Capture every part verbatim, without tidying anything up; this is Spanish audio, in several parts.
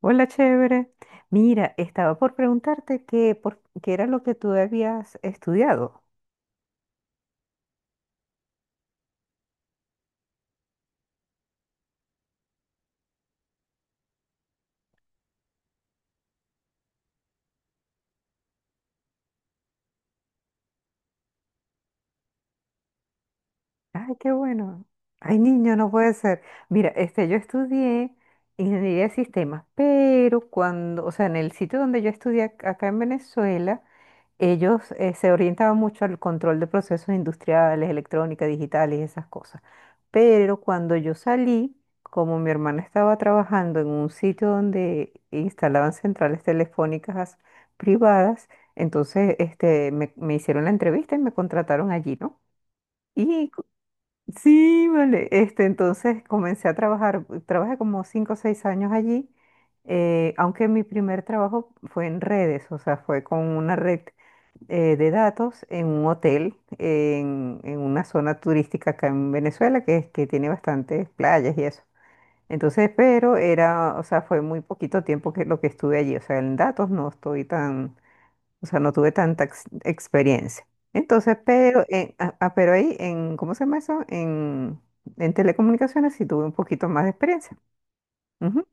Hola, chévere. Mira, estaba por preguntarte qué, por, qué era lo que tú habías estudiado. Ay, qué bueno. Ay, niño, no puede ser. Mira, este, yo estudié ingeniería de sistemas, pero cuando, o sea, en el sitio donde yo estudié ac- acá en Venezuela, ellos eh, se orientaban mucho al control de procesos industriales, electrónica, digitales, esas cosas. Pero cuando yo salí, como mi hermana estaba trabajando en un sitio donde instalaban centrales telefónicas privadas, entonces este, me, me hicieron la entrevista y me contrataron allí, ¿no? Y cu- sí, vale, este, entonces comencé a trabajar, trabajé como cinco o seis años allí, eh, aunque mi primer trabajo fue en redes, o sea, fue con una red eh, de datos en un hotel en, en una zona turística acá en Venezuela que, es- que tiene bastantes playas y eso. Entonces, pero era, o sea, fue muy poquito tiempo que lo que estuve allí. O sea, en datos no estoy tan, o sea, no tuve tanta ex- experiencia. Entonces, pero, en- ah, ah, pero ahí en, ¿cómo se llama eso? En, en telecomunicaciones sí tuve un poquito más de experiencia. Ujú.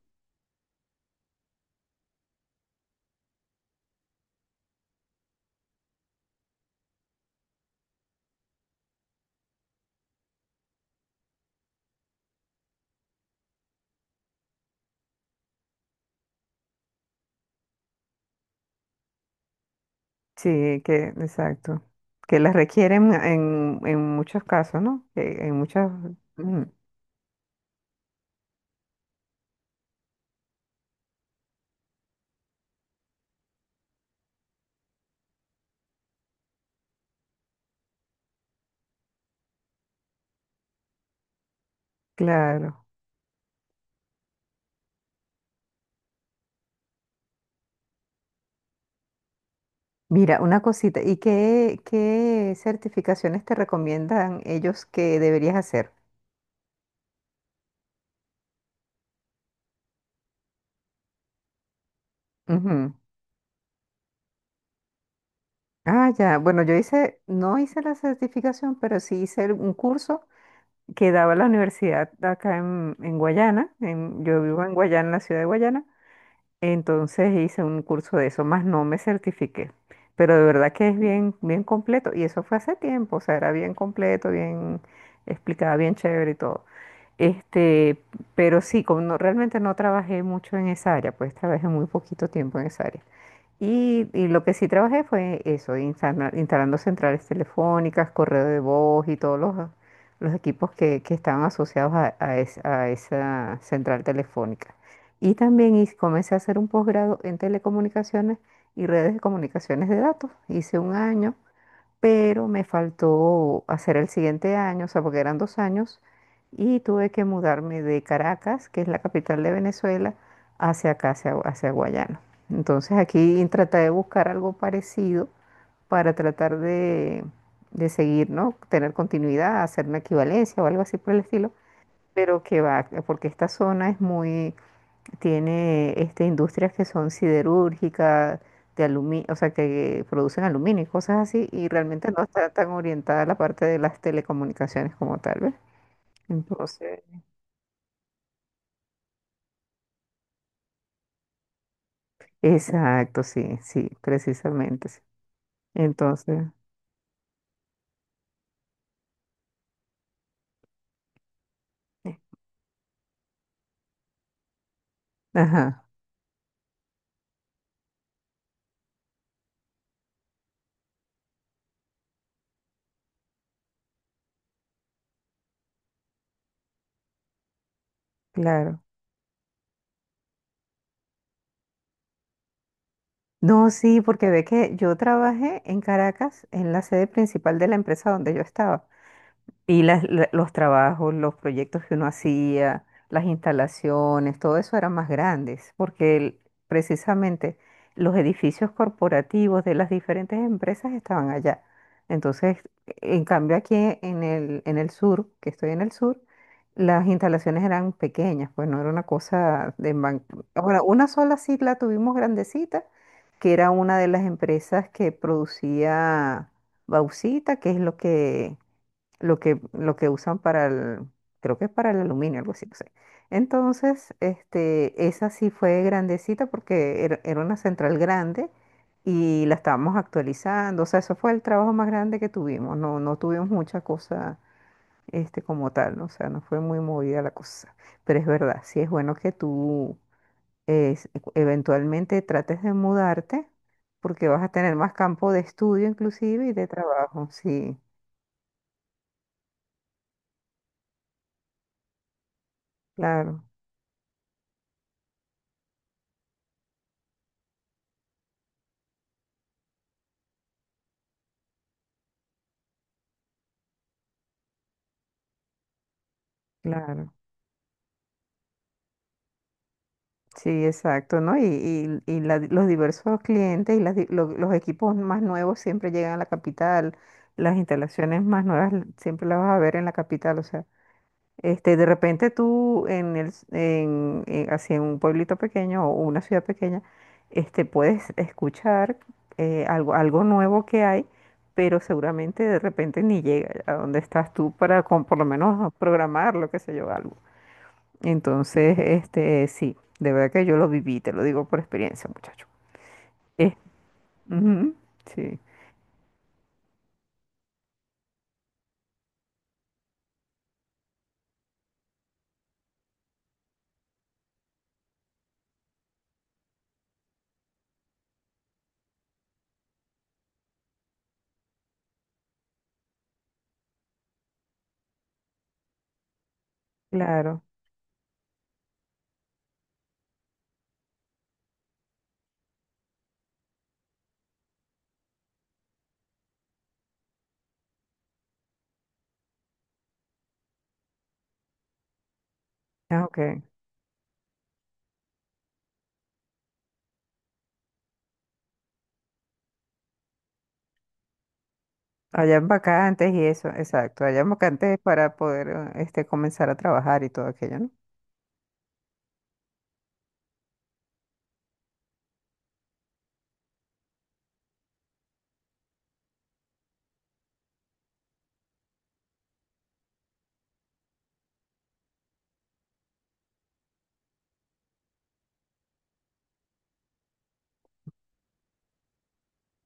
Sí, que, exacto. Que las requieren en, en muchos casos, ¿no? Que en muchas... Claro. Mira, una cosita, ¿y qué, qué certificaciones te recomiendan ellos que deberías hacer? Ujú. Ah, ya. Bueno, yo hice, no hice la certificación, pero sí hice el- un curso que daba la universidad acá en, en Guayana. En- yo vivo en Guayana, en la ciudad de Guayana. Entonces hice un curso de eso, más no me certifiqué, pero de verdad que es bien, bien completo y eso fue hace tiempo, o sea, era bien completo, bien explicada, bien chévere y todo. Este, pero sí, como no- realmente no trabajé mucho en esa área, pues trabajé muy poquito tiempo en esa área. Y, y lo que sí trabajé fue eso, instala- instalando centrales telefónicas, correo de voz y todos los, los equipos que, que estaban asociados a, a es- a esa central telefónica. Y también hice- comencé a hacer un posgrado en telecomunicaciones y redes de comunicaciones de datos. Hice un año pero me faltó hacer el siguiente año, o sea, porque eran dos años, y tuve que mudarme de Caracas, que es la capital de Venezuela, hacia acá, hacia, hacia Guayana. Entonces aquí traté de buscar algo parecido para tratar de, de seguir, ¿no? Tener continuidad, hacer una equivalencia o algo así por el estilo, pero que va, porque esta zona es muy tiene este, industrias que son siderúrgicas, de aluminio, o sea, que producen aluminio y cosas así, y realmente no está tan orientada a la parte de las telecomunicaciones como tal, ¿ves? Entonces, exacto, sí, sí, precisamente, sí. Entonces, eh, ajá, claro. No, sí, porque ve que yo trabajé en Caracas, en la sede principal de la empresa donde yo estaba. Y las- la- los trabajos, los proyectos que uno hacía, las instalaciones, todo eso eran más grandes, porque el- precisamente los edificios corporativos de las diferentes empresas estaban allá. Entonces, en cambio aquí en el, en el sur, que estoy en el sur, las instalaciones eran pequeñas, pues no era una cosa de... man- Bueno, una sola sí la tuvimos grandecita, que era una de las empresas que producía bauxita, que es lo que lo que, lo que usan para el, creo que es para el aluminio, algo así, no sé. Entonces, este, esa sí fue grandecita porque era, era una central grande y la estábamos actualizando. O sea, eso fue el trabajo más grande que tuvimos. No, no tuvimos mucha cosa, este, como tal, ¿no? O sea, no fue muy movida la cosa. Pero es verdad, sí es bueno que tú es- eventualmente trates de mudarte porque vas a tener más campo de estudio inclusive y de trabajo. Sí, claro, claro. Sí, exacto, ¿no? Y, y- y la- los diversos clientes y las di- lo- los equipos más nuevos siempre llegan a la capital, las instalaciones más nuevas l- siempre las vas a ver en la capital, o sea, este, de repente tú en el, s- en, en- así en un pueblito pequeño o una ciudad pequeña, este, puedes escuchar eh, algo, algo nuevo que hay, pero seguramente de repente ni llega a donde estás tú para con, por lo menos programar, lo que sé yo, algo. Entonces, este, sí, de verdad que yo lo viví, te lo digo por experiencia, muchacho. Eh, Ujú, sí, claro. Ah, ok. Allá en vacantes y eso, exacto. Allá en vacantes para poder eh, este, comenzar a trabajar y todo aquello, ¿no?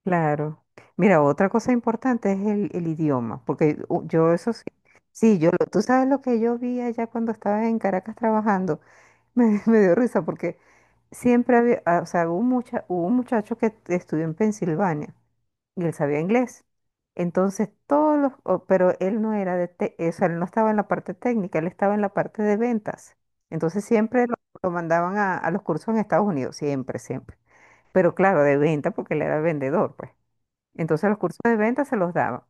Claro. Mira, otra cosa importante es el, el idioma, porque u- yo eso sí, sí, yo, lo- tú sabes lo que yo vi allá cuando estaba en Caracas trabajando. me, me dio risa porque siempre había, ah, o sea, hubo, mucha, hubo un muchacho que estudió en Pensilvania y él sabía inglés. Entonces todos los, o- pero él no era de, te- o sea, él no estaba en la parte técnica, él estaba en la parte de ventas. Entonces siempre lo, lo mandaban a, a los cursos en Estados Unidos, siempre, siempre. Pero claro, de venta porque él era vendedor, pues. Entonces los cursos de venta se los daban.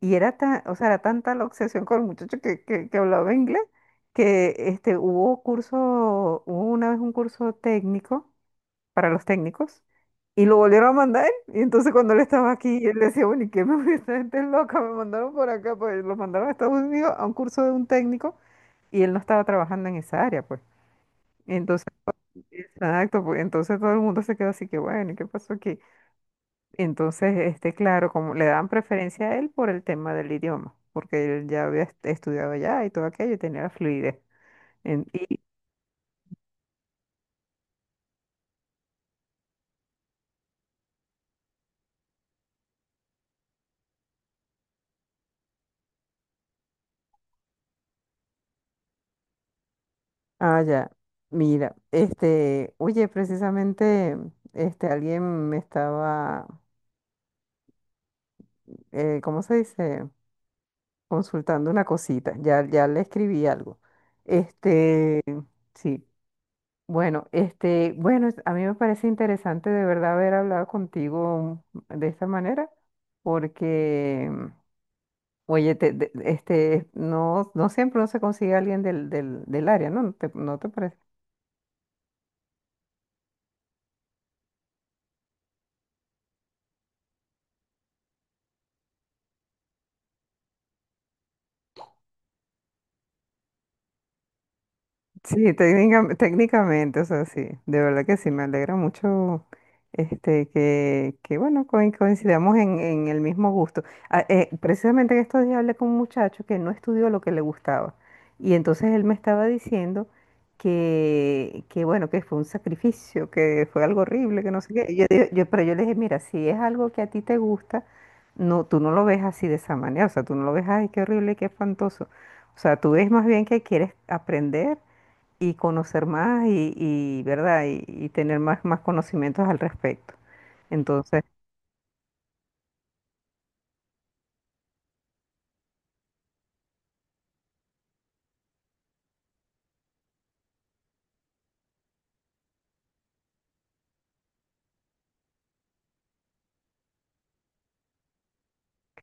Y era tan, o sea, era tanta la obsesión con el muchacho que, que, que hablaba inglés que este, hubo curso, hubo una vez un curso técnico para los técnicos y lo volvieron a mandar. Y entonces cuando él estaba aquí, él decía, bueno, ¿y qué me esta gente es loca? Me mandaron por acá, pues lo mandaron a Estados Unidos a un curso de un técnico y él no estaba trabajando en esa área, pues. Entonces, exacto, pues entonces todo el mundo se quedó así que, bueno, ¿y qué pasó aquí? Entonces, este, claro, como le daban preferencia a él por el tema del idioma, porque él ya había est- estudiado allá y todo aquello y tenía la fluidez. Ah, ya. Mira, este, oye, precisamente, este, alguien me estaba, eh, ¿cómo se dice? Consultando una cosita. Ya, ya le escribí algo. Este, sí. Bueno, este, bueno, es- a mí me parece interesante de verdad haber hablado contigo de esta manera, porque, oye, te- te- este, no, no siempre uno se consigue a alguien del, del, del área, ¿no? ¿No te, no te parece? Sí, técnica- técnicamente, o sea, sí, de verdad que sí, me alegra mucho este, que, que bueno, coin- coincidamos en, en el mismo gusto. Ah, eh, precisamente en estos días hablé con un muchacho que no estudió lo que le gustaba y entonces él me estaba diciendo que, que bueno, que fue un sacrificio, que fue algo horrible, que no sé qué. Y Yo, dije- yo, pero yo le dije, mira, si es algo que a ti te gusta, no, tú no lo ves así de esa manera, o sea, tú no lo ves, ay, qué horrible, qué espantoso. O sea, tú ves más bien que quieres aprender y conocer más y, y, ¿verdad? Y, y tener más, más conocimientos al respecto. Entonces,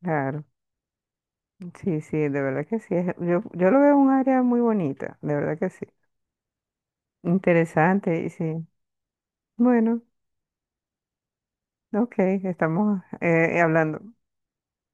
claro, sí, sí, de verdad que sí. Es- yo, yo lo veo un área muy bonita, de verdad que sí. Interesante, y sí. Bueno, ok, estamos eh, hablando.